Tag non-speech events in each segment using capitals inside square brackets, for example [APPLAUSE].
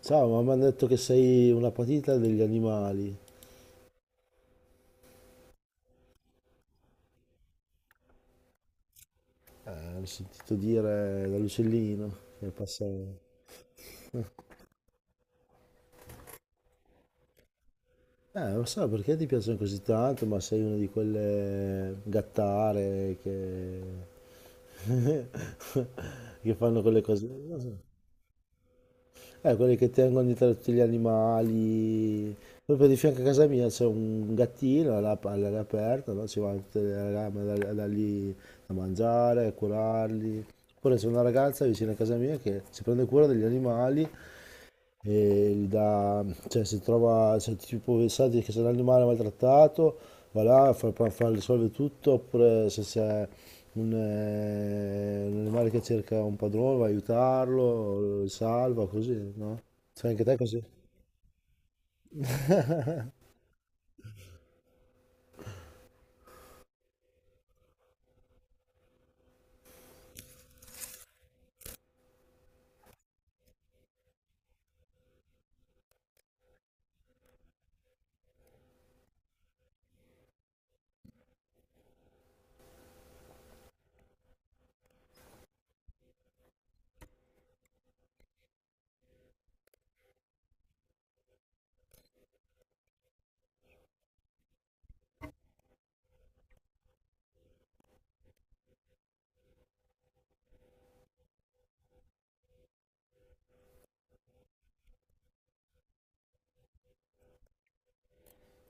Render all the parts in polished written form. Ciao, ma mi hanno detto che sei una patita degli animali. L'ho sentito dire dall'uccellino che passava. Non so perché ti piacciono così tanto, ma sei una di quelle gattare che, [LAUGHS] che fanno quelle cose. Non so. Quelli che tengono dietro tutti gli animali. Proprio di fianco a casa mia c'è un gattino all'aria aperta, no? Ci vanno tutte le rame da lì a mangiare, a curarli. Oppure c'è una ragazza vicino a casa mia che si prende cura degli animali e gli dà, cioè se trova, se tipo pensate che se un animale è maltrattato, va là, risolve tutto, oppure se c'è un animale che cerca un padrone, va a aiutarlo, lo salva, così, no? Fai anche te così?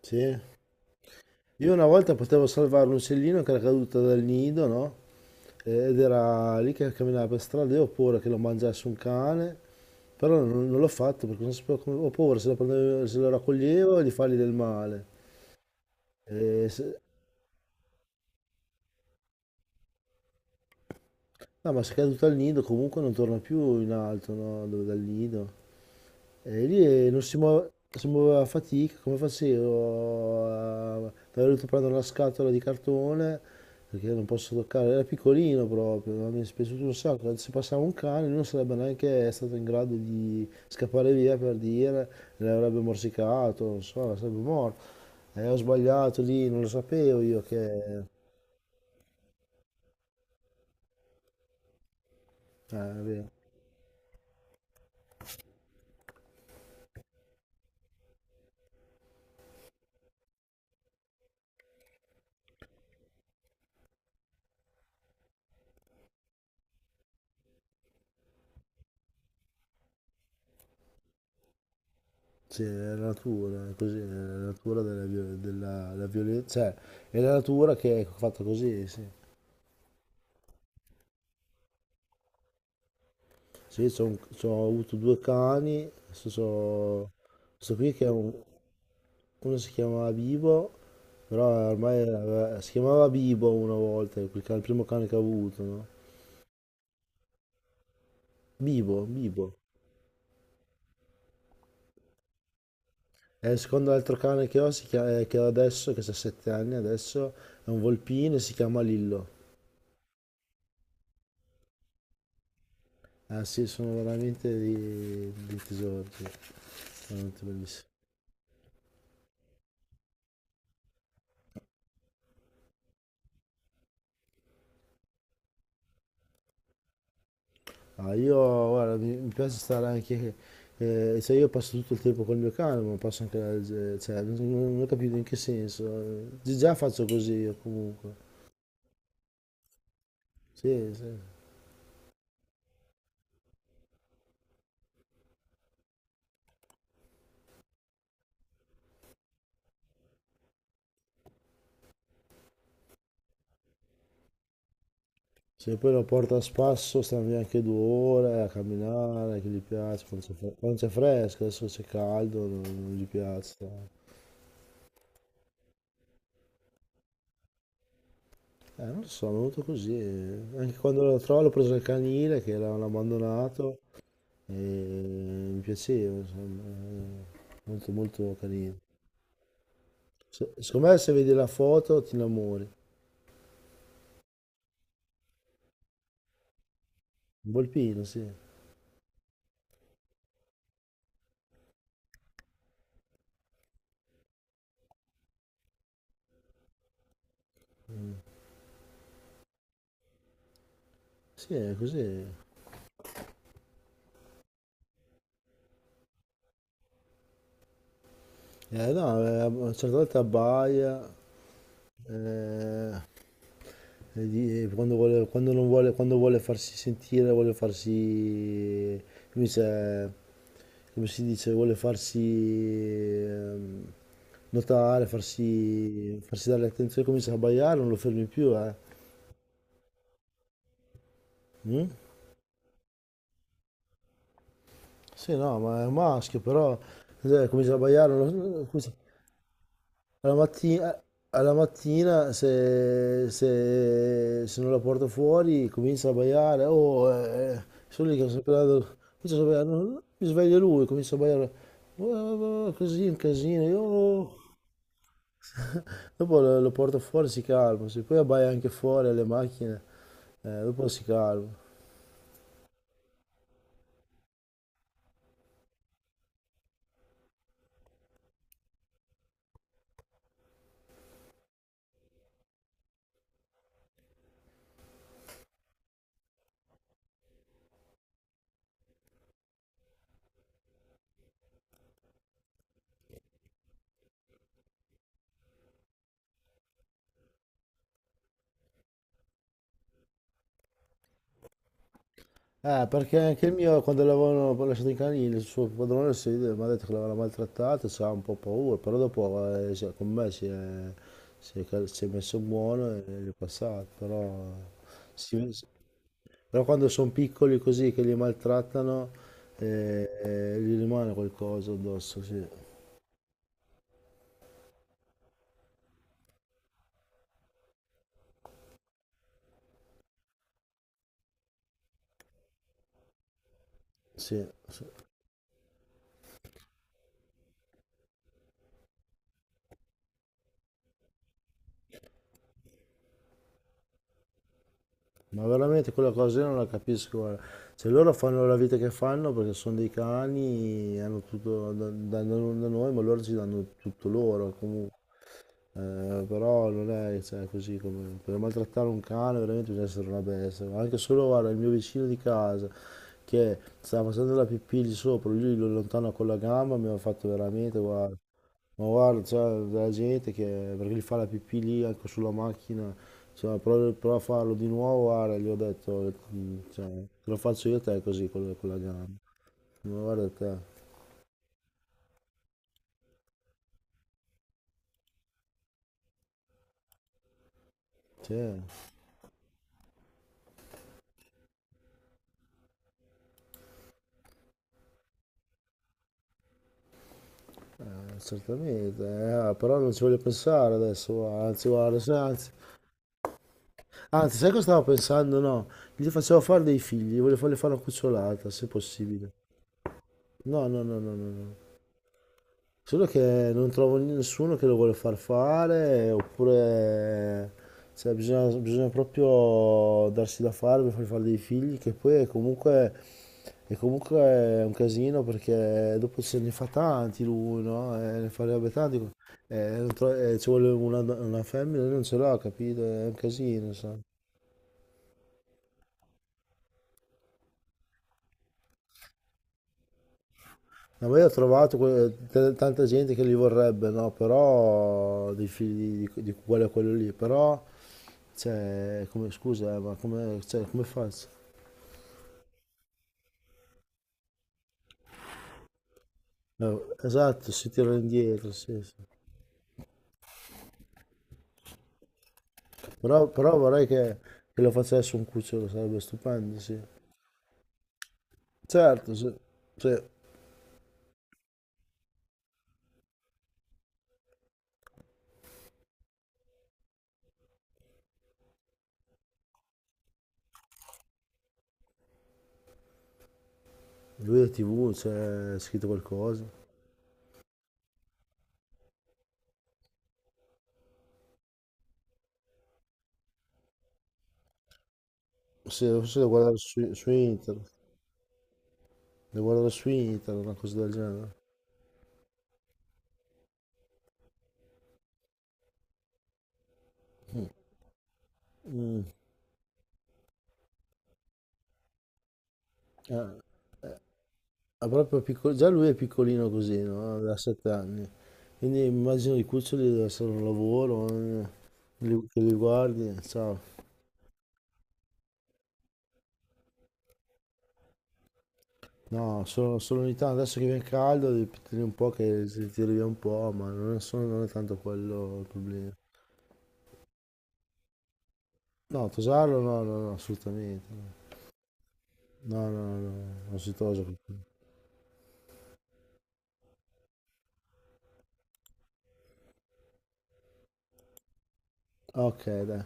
Sì? Io una volta potevo salvare un uccellino che era caduto dal nido, no? Ed era lì che camminava per strada, io ho paura che lo mangiasse un cane, però non l'ho fatto perché non sapevo come, ho paura se lo, se lo raccoglievo di fargli del male. E se- no, ma se è caduto al nido comunque non torna più in alto, no? Dal nido. E lì non si muove, si muoveva a fatica, come facevo? Mi avevo dovuto prendere una scatola di cartone perché non posso toccare, era piccolino proprio, ma mi è dispiaciuto un sacco, se passava un cane lui non sarebbe neanche stato in grado di scappare via per dire, l'avrebbe morsicato, non so, sarebbe morto. E ho sbagliato lì, non lo sapevo io che... beh, sì, è la natura, è così, è la natura della violenza, cioè è la natura che è fatta così, sì. Sì, ho avuto due cani, questo, questo qui uno si chiamava Bibo, però si chiamava Bibo una volta, il primo cane che ho avuto, no? Bibo, Bibo. E il secondo altro cane che ho, che ho adesso, che ha 7 anni adesso, è un volpino e si chiama Lillo. Ah sì, dei tesori, sì, veramente bellissimi. Ah, io guarda, mi piace stare anche, cioè io passo tutto il tempo col mio cane, ma passo anche, cioè, non ho capito in che senso. Già faccio così io comunque. Sì, sì. Se poi lo porto a spasso, stanno via anche 2 ore a camminare, che gli piace, quando c'è fresco, adesso c'è caldo, non gli piace. Non lo so, è venuto così. Anche quando lo trovo l'ho preso il canile, che l'avevano abbandonato, e mi piaceva, insomma, molto molto carino. Secondo me se vedi la foto ti innamori. Un volpino, sì. Sì, è così. No, a una certa volta abbaia, eh, e quando vuole, quando non vuole, quando vuole farsi sentire, vuole farsi, come si come si dice, vuole farsi ehm, notare, farsi dare attenzione, comincia a abbaiare, non lo fermi più, eh. Mm? Sì, no, ma è un maschio, però comincia a abbaiare, non lo- comincia- alla mattina, alla mattina se non la porto fuori comincia a baiare, oh, sono lì che comincia a baiare, no, no, mi sveglia lui, comincia a baiare, "Oh, oh, così un casino, io... oh". Dopo lo porto fuori, si calma, se poi abbaia anche fuori alle macchine, dopo si calma. Perché anche il mio, quando l'avevano lasciato in canile, il suo padrone si- mi ha detto che l'avevano maltrattato, c'era un po' paura, però dopo con me si è messo buono e gli è passato, però, eh, si- si- però quando sono piccoli così che li maltrattano, gli rimane qualcosa addosso, sì, sì, sì, ma veramente quella cosa io non la capisco, guarda. Cioè loro fanno la vita che fanno perché sono dei cani, hanno tutto da noi, ma loro ci danno tutto loro comunque. Però non è cioè, così come per maltrattare un cane veramente bisogna essere una bestia. Ma anche solo guarda, il mio vicino di casa che stava facendo la pipì lì sopra, lui lo allontana con la gamba, mi ha fatto veramente guarda, ma guarda, c'è della gente che perché gli fa la pipì lì anche sulla macchina, cioè, prova a farlo di nuovo, guarda, gli ho detto, mm, cioè, te lo faccio io a te così la con la gamba. Ma guarda te, sì, certamente, però non ci voglio pensare adesso, guarda, anzi, guarda, anzi, sai cosa stavo pensando? No, gli facevo fare dei figli, gli voglio fargli fare una cucciolata, se possibile. No, no, no, no, no, no. Solo che non trovo nessuno che lo vuole far fare, oppure cioè, bisogna proprio darsi da fare per far fare dei figli, che poi è comunque un casino perché dopo se ne fa tanti lui, no? Ne farebbe tanti, non tro- ci vuole una femmina, lui non ce l'ha, capito? È un casino, sai. No, ma io ho trovato tanta gente che li vorrebbe, no? Però dei figli di quello a quello lì, però cioè, come, scusa, ma come, cioè, come faccio? Esatto, si tira indietro, sì, sì. Però vorrei che lo facesse un cucciolo, sarebbe stupendo, sì. Certo, sì. Cioè, lui è TV, cioè, è scritto qualcosa. Se forse devo guardare su internet, devo guardare su internet, una cosa del genere. Mm, eh. Ma già lui è piccolino così, no? Da 7 anni. Quindi immagino i cuccioli deve essere un lavoro, che li guardi, ciao. No, solo ogni tanto, adesso che viene caldo, devi tenere un po' che si tiri via un po', ma non è tanto quello il problema. No, tosarlo no, no, no, assolutamente. No, no, no, no, non si tosa. Ok, dai.